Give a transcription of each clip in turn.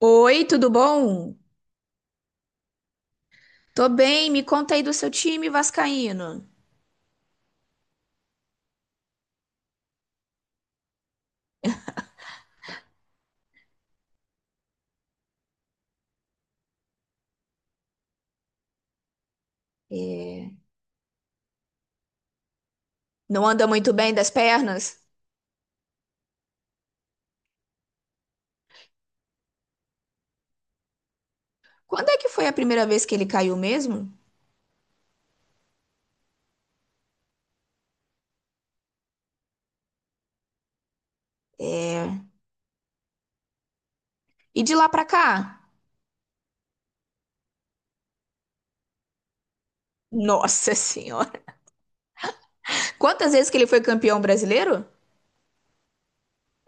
Oi, tudo bom? Tô bem, me conta aí do seu time vascaíno. É. Não anda muito bem das pernas? Quando é que foi a primeira vez que ele caiu mesmo? É. E de lá pra cá? Nossa Senhora! Quantas vezes que ele foi campeão brasileiro?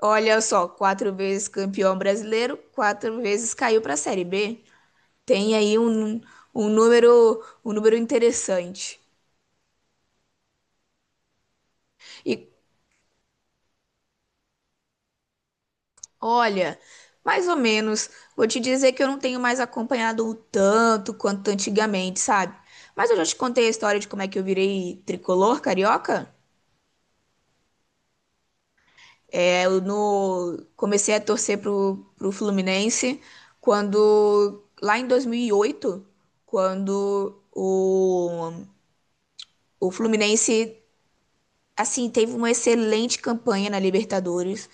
Olha só, quatro vezes campeão brasileiro, quatro vezes caiu pra Série B. Tem aí um número interessante. E olha, mais ou menos. Vou te dizer que eu não tenho mais acompanhado o tanto quanto antigamente, sabe? Mas eu já te contei a história de como é que eu virei tricolor carioca. É, eu no... comecei a torcer pro Fluminense quando, lá em 2008, quando o Fluminense, assim, teve uma excelente campanha na Libertadores.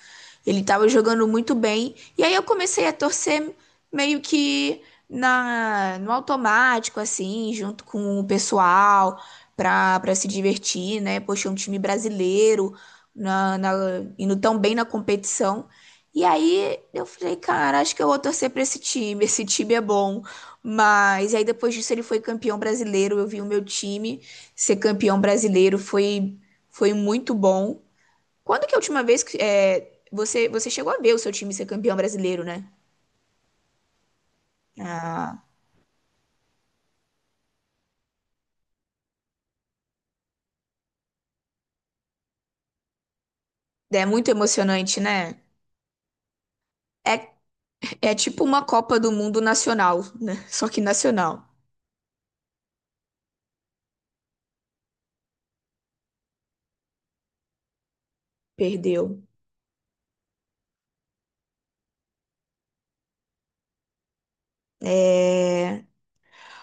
Ele estava jogando muito bem. E aí eu comecei a torcer meio que no automático, assim, junto com o pessoal, pra se divertir, né? Poxa, é um time brasileiro, na, na, indo tão bem na competição. E aí eu falei, cara, acho que eu vou torcer pra esse time é bom. Mas aí depois disso ele foi campeão brasileiro, eu vi o meu time ser campeão brasileiro, foi muito bom. Quando que é a última vez você chegou a ver o seu time ser campeão brasileiro, né? Ah, é muito emocionante, né? É, é tipo uma Copa do Mundo nacional, né? Só que nacional. Perdeu.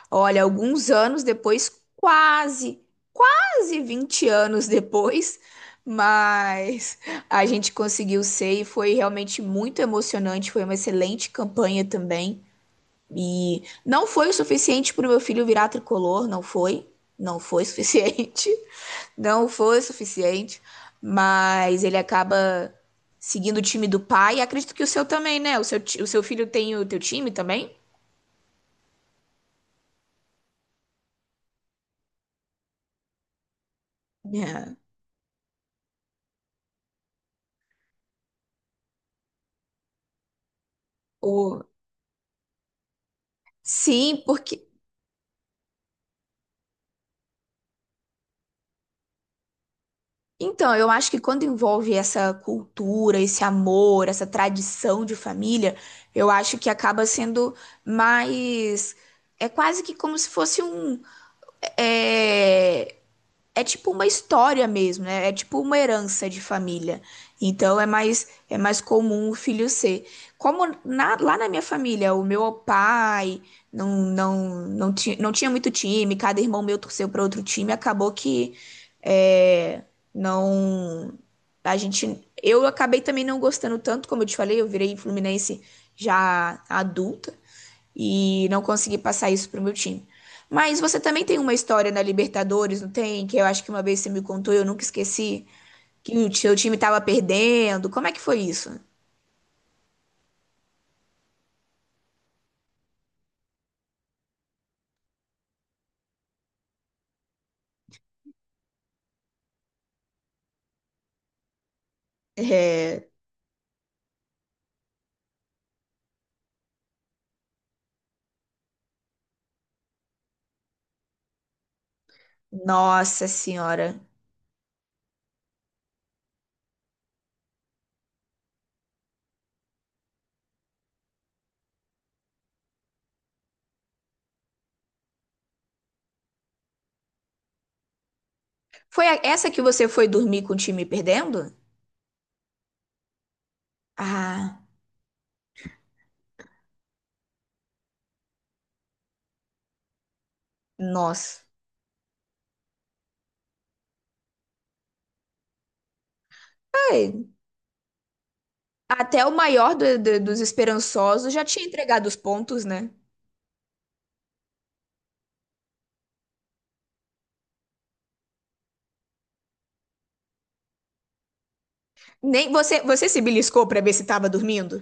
Olha, alguns anos depois, quase, quase 20 anos depois, mas a gente conseguiu ser e foi realmente muito emocionante. Foi uma excelente campanha também. E não foi o suficiente para o meu filho virar tricolor, não foi. Não foi suficiente. Não foi suficiente. Mas ele acaba seguindo o time do pai. E acredito que o seu também, né? O seu, ti- o seu filho tem o teu time também? É. O... Sim, porque. Então, eu acho que quando envolve essa cultura, esse amor, essa tradição de família, eu acho que acaba sendo mais. É quase que como se fosse um. É... é tipo uma história mesmo, né? É tipo uma herança de família. Então é mais comum o filho ser. Como na- lá na minha família, o meu pai não tinha muito time, cada irmão meu torceu para outro time, acabou que é, não. A gente, eu acabei também não gostando tanto, como eu te falei, eu virei Fluminense já adulta e não consegui passar isso pro meu time. Mas você também tem uma história na Libertadores, não tem? Que eu acho que uma vez você me contou, e eu nunca esqueci, que o seu time tava perdendo. Como é que foi isso? É, nossa senhora. Foi a- essa que você foi dormir com o time perdendo? Ah, nossa. Ai, até o maior dos esperançosos já tinha entregado os pontos, né? Nem você, você se beliscou pra ver se tava dormindo?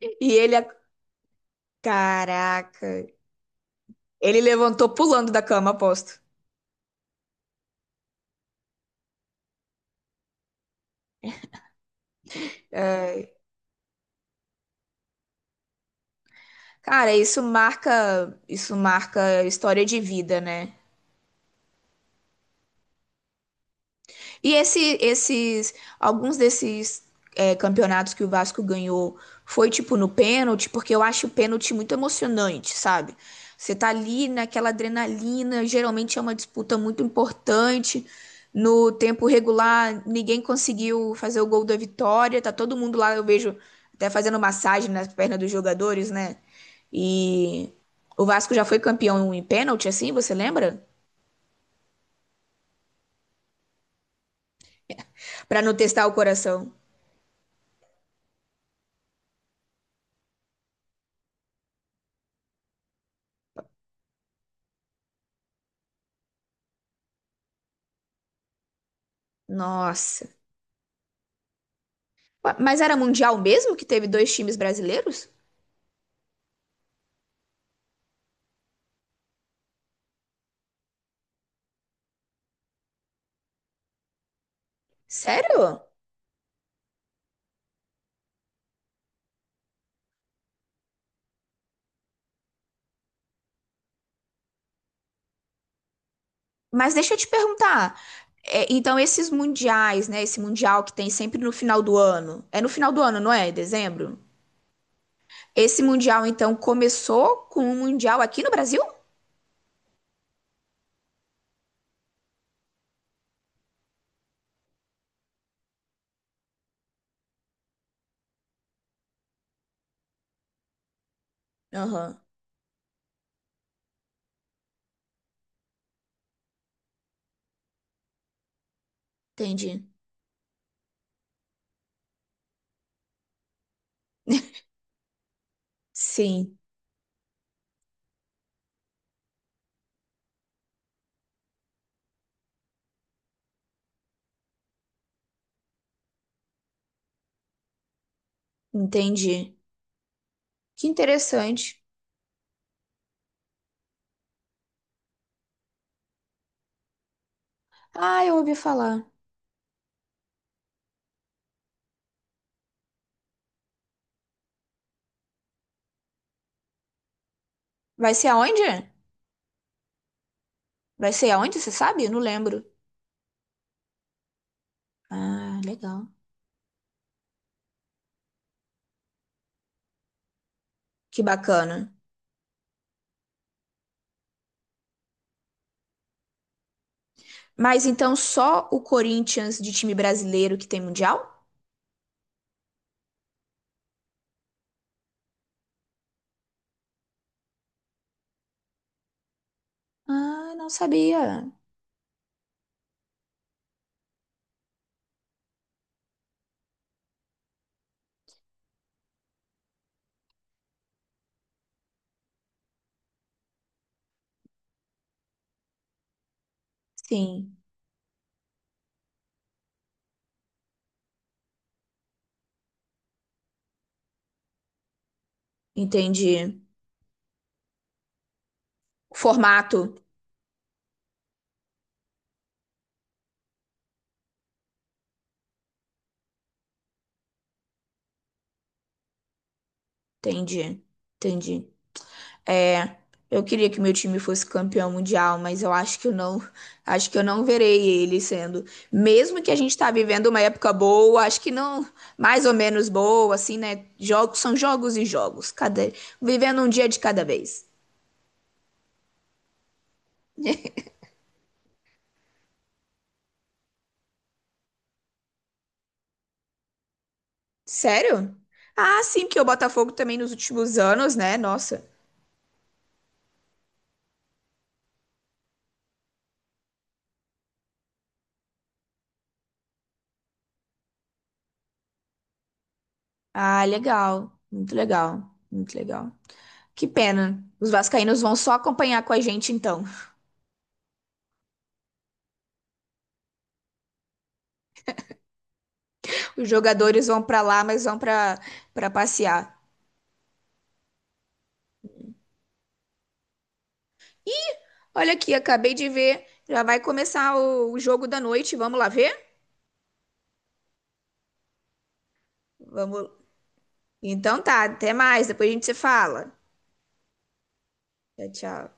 E ele, caraca, ele levantou pulando da cama, aposto. Cara, isso marca história de vida, né? E alguns desses campeonatos que o Vasco ganhou foi tipo no pênalti, porque eu acho o pênalti muito emocionante, sabe? Você tá ali naquela adrenalina, geralmente é uma disputa muito importante. No tempo regular, ninguém conseguiu fazer o gol da vitória, tá todo mundo lá, eu vejo até fazendo massagem nas pernas dos jogadores, né? E o Vasco já foi campeão em pênalti, assim, você lembra? Pra não testar o coração. Nossa. Ué, mas era mundial mesmo que teve dois times brasileiros? Sério? Mas deixa eu te perguntar. É, então, esses mundiais, né? Esse mundial que tem sempre no final do ano. É no final do ano, não é? Em dezembro? Esse mundial, então, começou com um mundial aqui no Brasil? Aham, entendi. Sim, entendi. Que interessante. Ah, eu ouvi falar. Vai ser aonde? Vai ser aonde, você sabe? Eu não lembro. Ah, legal. Que bacana. Mas então só o Corinthians de time brasileiro que tem mundial? Ah, não sabia. Sim, entendi. Formato, entendi, entendi. É, eu queria que meu time fosse campeão mundial, mas eu acho que eu não, acho que eu não verei ele sendo. Mesmo que a gente tá vivendo uma época boa, acho que não, mais ou menos boa, assim, né? Jogos são jogos e jogos, cada, vivendo um dia de cada vez. Sério? Ah, sim, porque o Botafogo também nos últimos anos, né? Nossa. Ah, legal. Muito legal. Muito legal. Que pena. Os vascaínos vão só acompanhar com a gente, então. Os jogadores vão pra lá, mas vão pra para passear. Olha aqui, acabei de ver. Já vai começar o jogo da noite. Vamos lá ver? Vamos. Então tá, até mais. Depois a gente se fala. Tchau, tchau.